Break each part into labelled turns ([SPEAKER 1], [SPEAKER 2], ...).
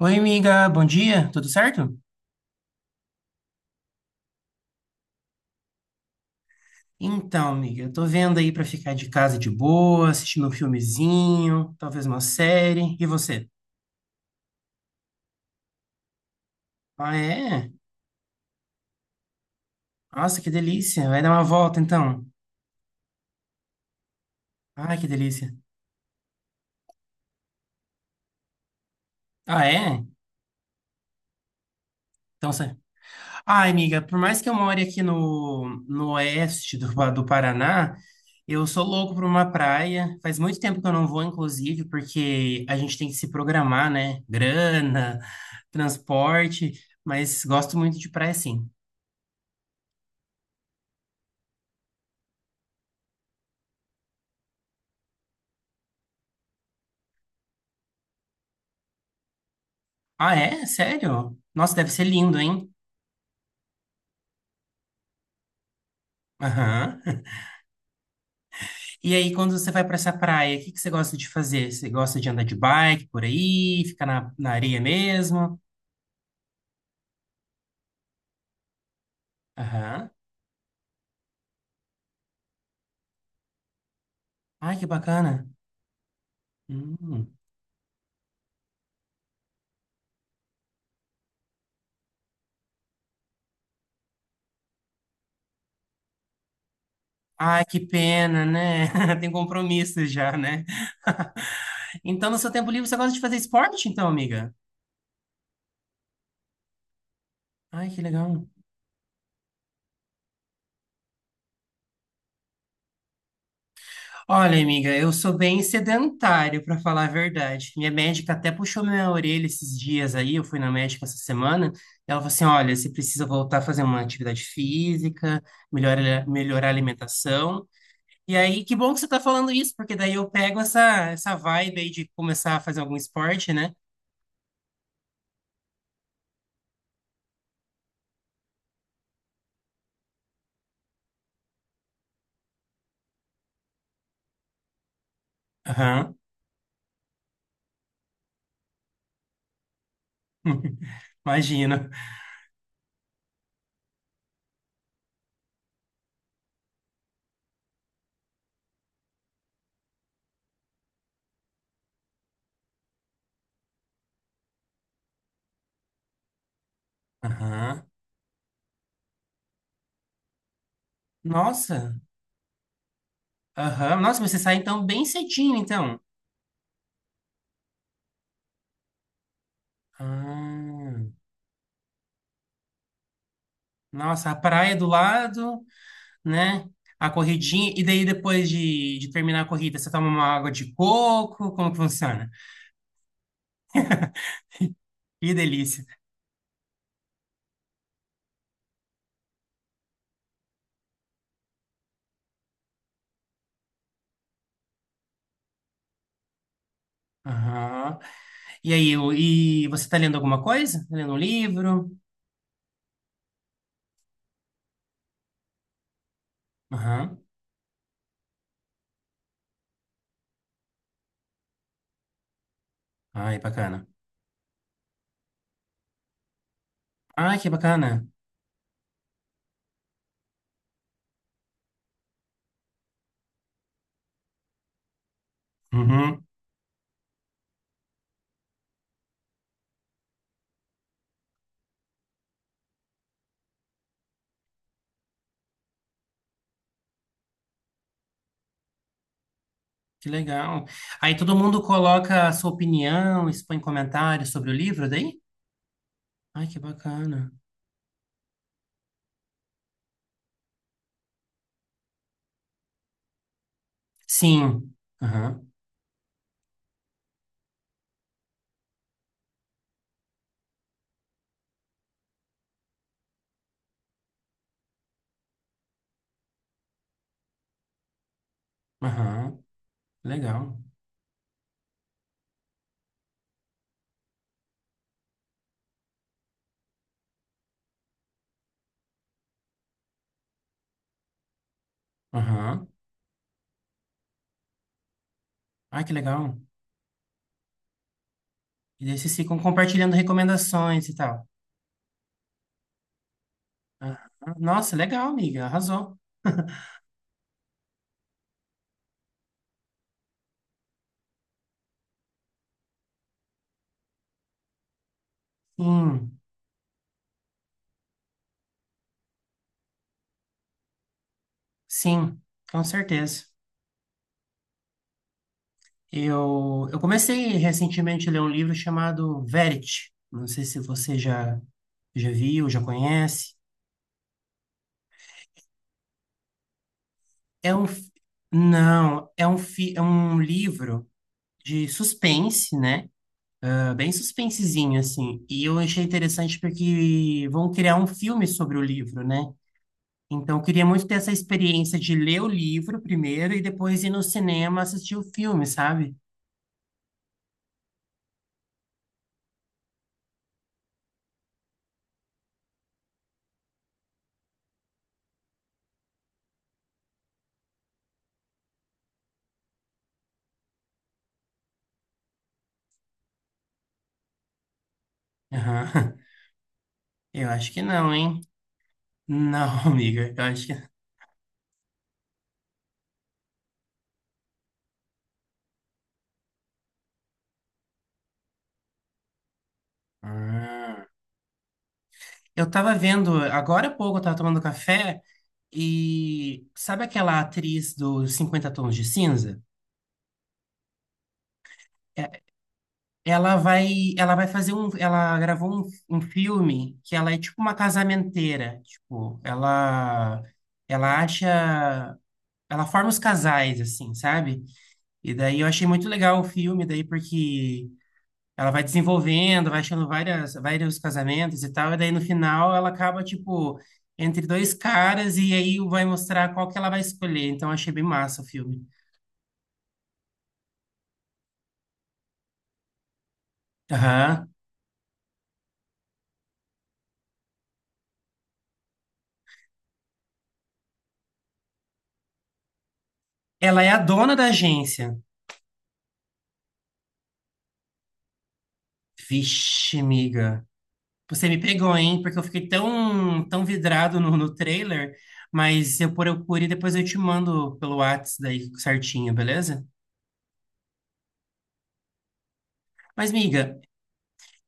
[SPEAKER 1] Oi, amiga, bom dia, tudo certo? Então, amiga, eu tô vendo aí pra ficar de casa de boa, assistindo um filmezinho, talvez uma série. E você? Ah, é? Nossa, que delícia. Vai dar uma volta então. Ah, que delícia. Ah, é? Então, você. Ai, amiga, por mais que eu more aqui no oeste do, do Paraná, eu sou louco por uma praia. Faz muito tempo que eu não vou, inclusive, porque a gente tem que se programar, né? Grana, transporte, mas gosto muito de praia, sim. Ah, é? Sério? Nossa, deve ser lindo, hein? Aham. E aí, quando você vai para essa praia, o que que você gosta de fazer? Você gosta de andar de bike por aí, ficar na areia mesmo? Aham. Ai, que bacana. Hum. Ai, que pena, né? Tem compromisso já, né? Então, no seu tempo livre, você gosta de fazer esporte, então, amiga? Ai, que legal. Olha, amiga, eu sou bem sedentário, para falar a verdade. Minha médica até puxou minha orelha esses dias aí, eu fui na médica essa semana, e ela falou assim: olha, você precisa voltar a fazer uma atividade física, melhorar a alimentação. E aí, que bom que você tá falando isso, porque daí eu pego essa vibe aí de começar a fazer algum esporte, né? Aham. Imagino. Aham. Nossa. Aham. Nossa, mas você sai então bem cedinho, então. Ah. Nossa, a praia do lado, né? A corridinha. E daí, depois de terminar a corrida, você toma uma água de coco? Como que funciona? Que delícia. Aham. E aí, e você tá lendo alguma coisa? Tá lendo um livro? Aham. Ai, bacana. Ai, que bacana. Uhum. Que legal. Aí todo mundo coloca a sua opinião, expõe comentários sobre o livro daí? Ai, que bacana. Sim. Aham. Aham. Legal. Aham. Ai, que legal. E daí vocês ficam compartilhando recomendações e tal. Aham. Nossa, legal, amiga. Arrasou. Sim, sim, com certeza. Eu comecei recentemente a ler um livro chamado Verity. Não sei se você já, já viu, já conhece. É um, não, é um, fi, é um livro de suspense, né? É bem suspensezinho, assim. E eu achei interessante porque vão criar um filme sobre o livro, né? Então, eu queria muito ter essa experiência de ler o livro primeiro e depois ir no cinema assistir o filme, sabe? Aham. Eu acho que não, hein? Não, amiga, eu acho que. Ah. Eu tava vendo, agora há pouco eu tava tomando café e. Sabe aquela atriz dos 50 Tons de Cinza? Ela vai, ela vai fazer um, ela gravou um, um filme que ela é tipo uma casamenteira, tipo, ela ela acha, ela forma os casais assim, sabe? E daí eu achei muito legal o filme daí porque ela vai desenvolvendo, vai achando várias vários casamentos e tal, e daí no final ela acaba tipo entre dois caras e aí vai mostrar qual que ela vai escolher. Então eu achei bem massa o filme. Aham. Ela é a dona da agência. Vixe, amiga. Você me pegou, hein? Porque eu fiquei tão vidrado no trailer, mas eu procuro e depois eu te mando pelo Whats daí certinho, beleza? Mas, miga,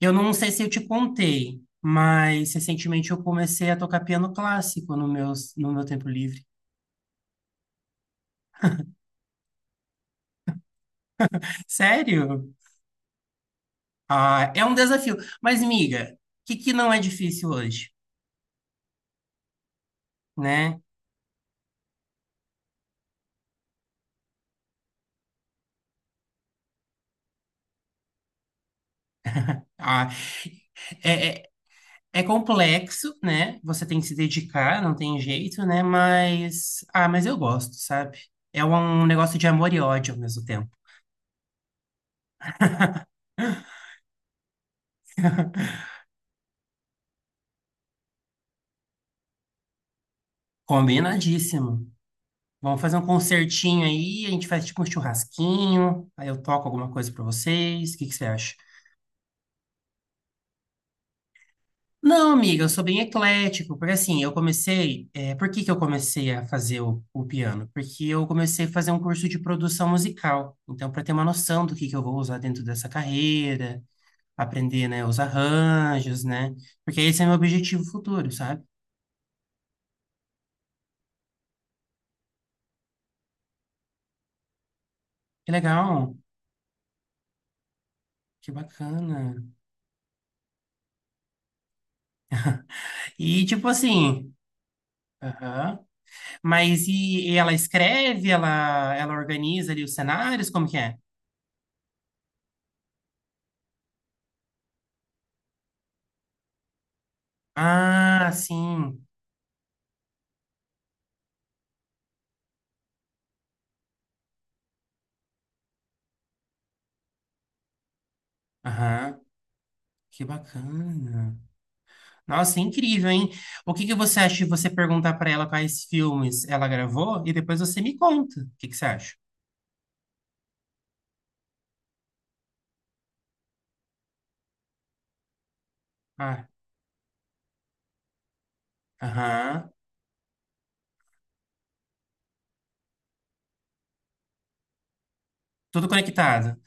[SPEAKER 1] eu não sei se eu te contei, mas recentemente eu comecei a tocar piano clássico no meu, no meu tempo livre. Sério? Ah, é um desafio. Mas, miga, o que que não é difícil hoje, né? Ah, é, é, É, complexo, né? Você tem que se dedicar, não tem jeito, né? Mas, ah, mas eu gosto, sabe? É um um negócio de amor e ódio ao mesmo tempo. Combinadíssimo. Vamos fazer um concertinho aí, a gente faz tipo um churrasquinho, aí eu toco alguma coisa pra vocês. O que que você acha? Não, amiga, eu sou bem eclético, porque assim, eu comecei. Por que que eu comecei a fazer o piano? Porque eu comecei a fazer um curso de produção musical. Então, para ter uma noção do que eu vou usar dentro dessa carreira aprender, né, os arranjos, né? Porque esse é meu objetivo futuro, sabe? Que legal, que bacana. E tipo assim, aham. Mas e ela escreve, ela ela organiza ali os cenários, como que é? Ah, sim. Aham. Que bacana. Nossa, incrível, hein? O que que você acha de você perguntar pra ela quais filmes ela gravou e depois você me conta? O que que você acha? Ah, aham. Tudo conectado.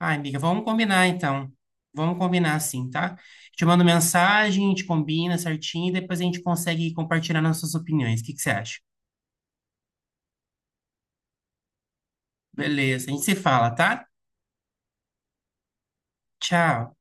[SPEAKER 1] Ai, amiga, vamos combinar então. Vamos combinar assim, tá? Te mando mensagem, a gente combina certinho e depois a gente consegue compartilhar nossas opiniões. O que que você acha? Beleza, a gente se fala, tá? Tchau.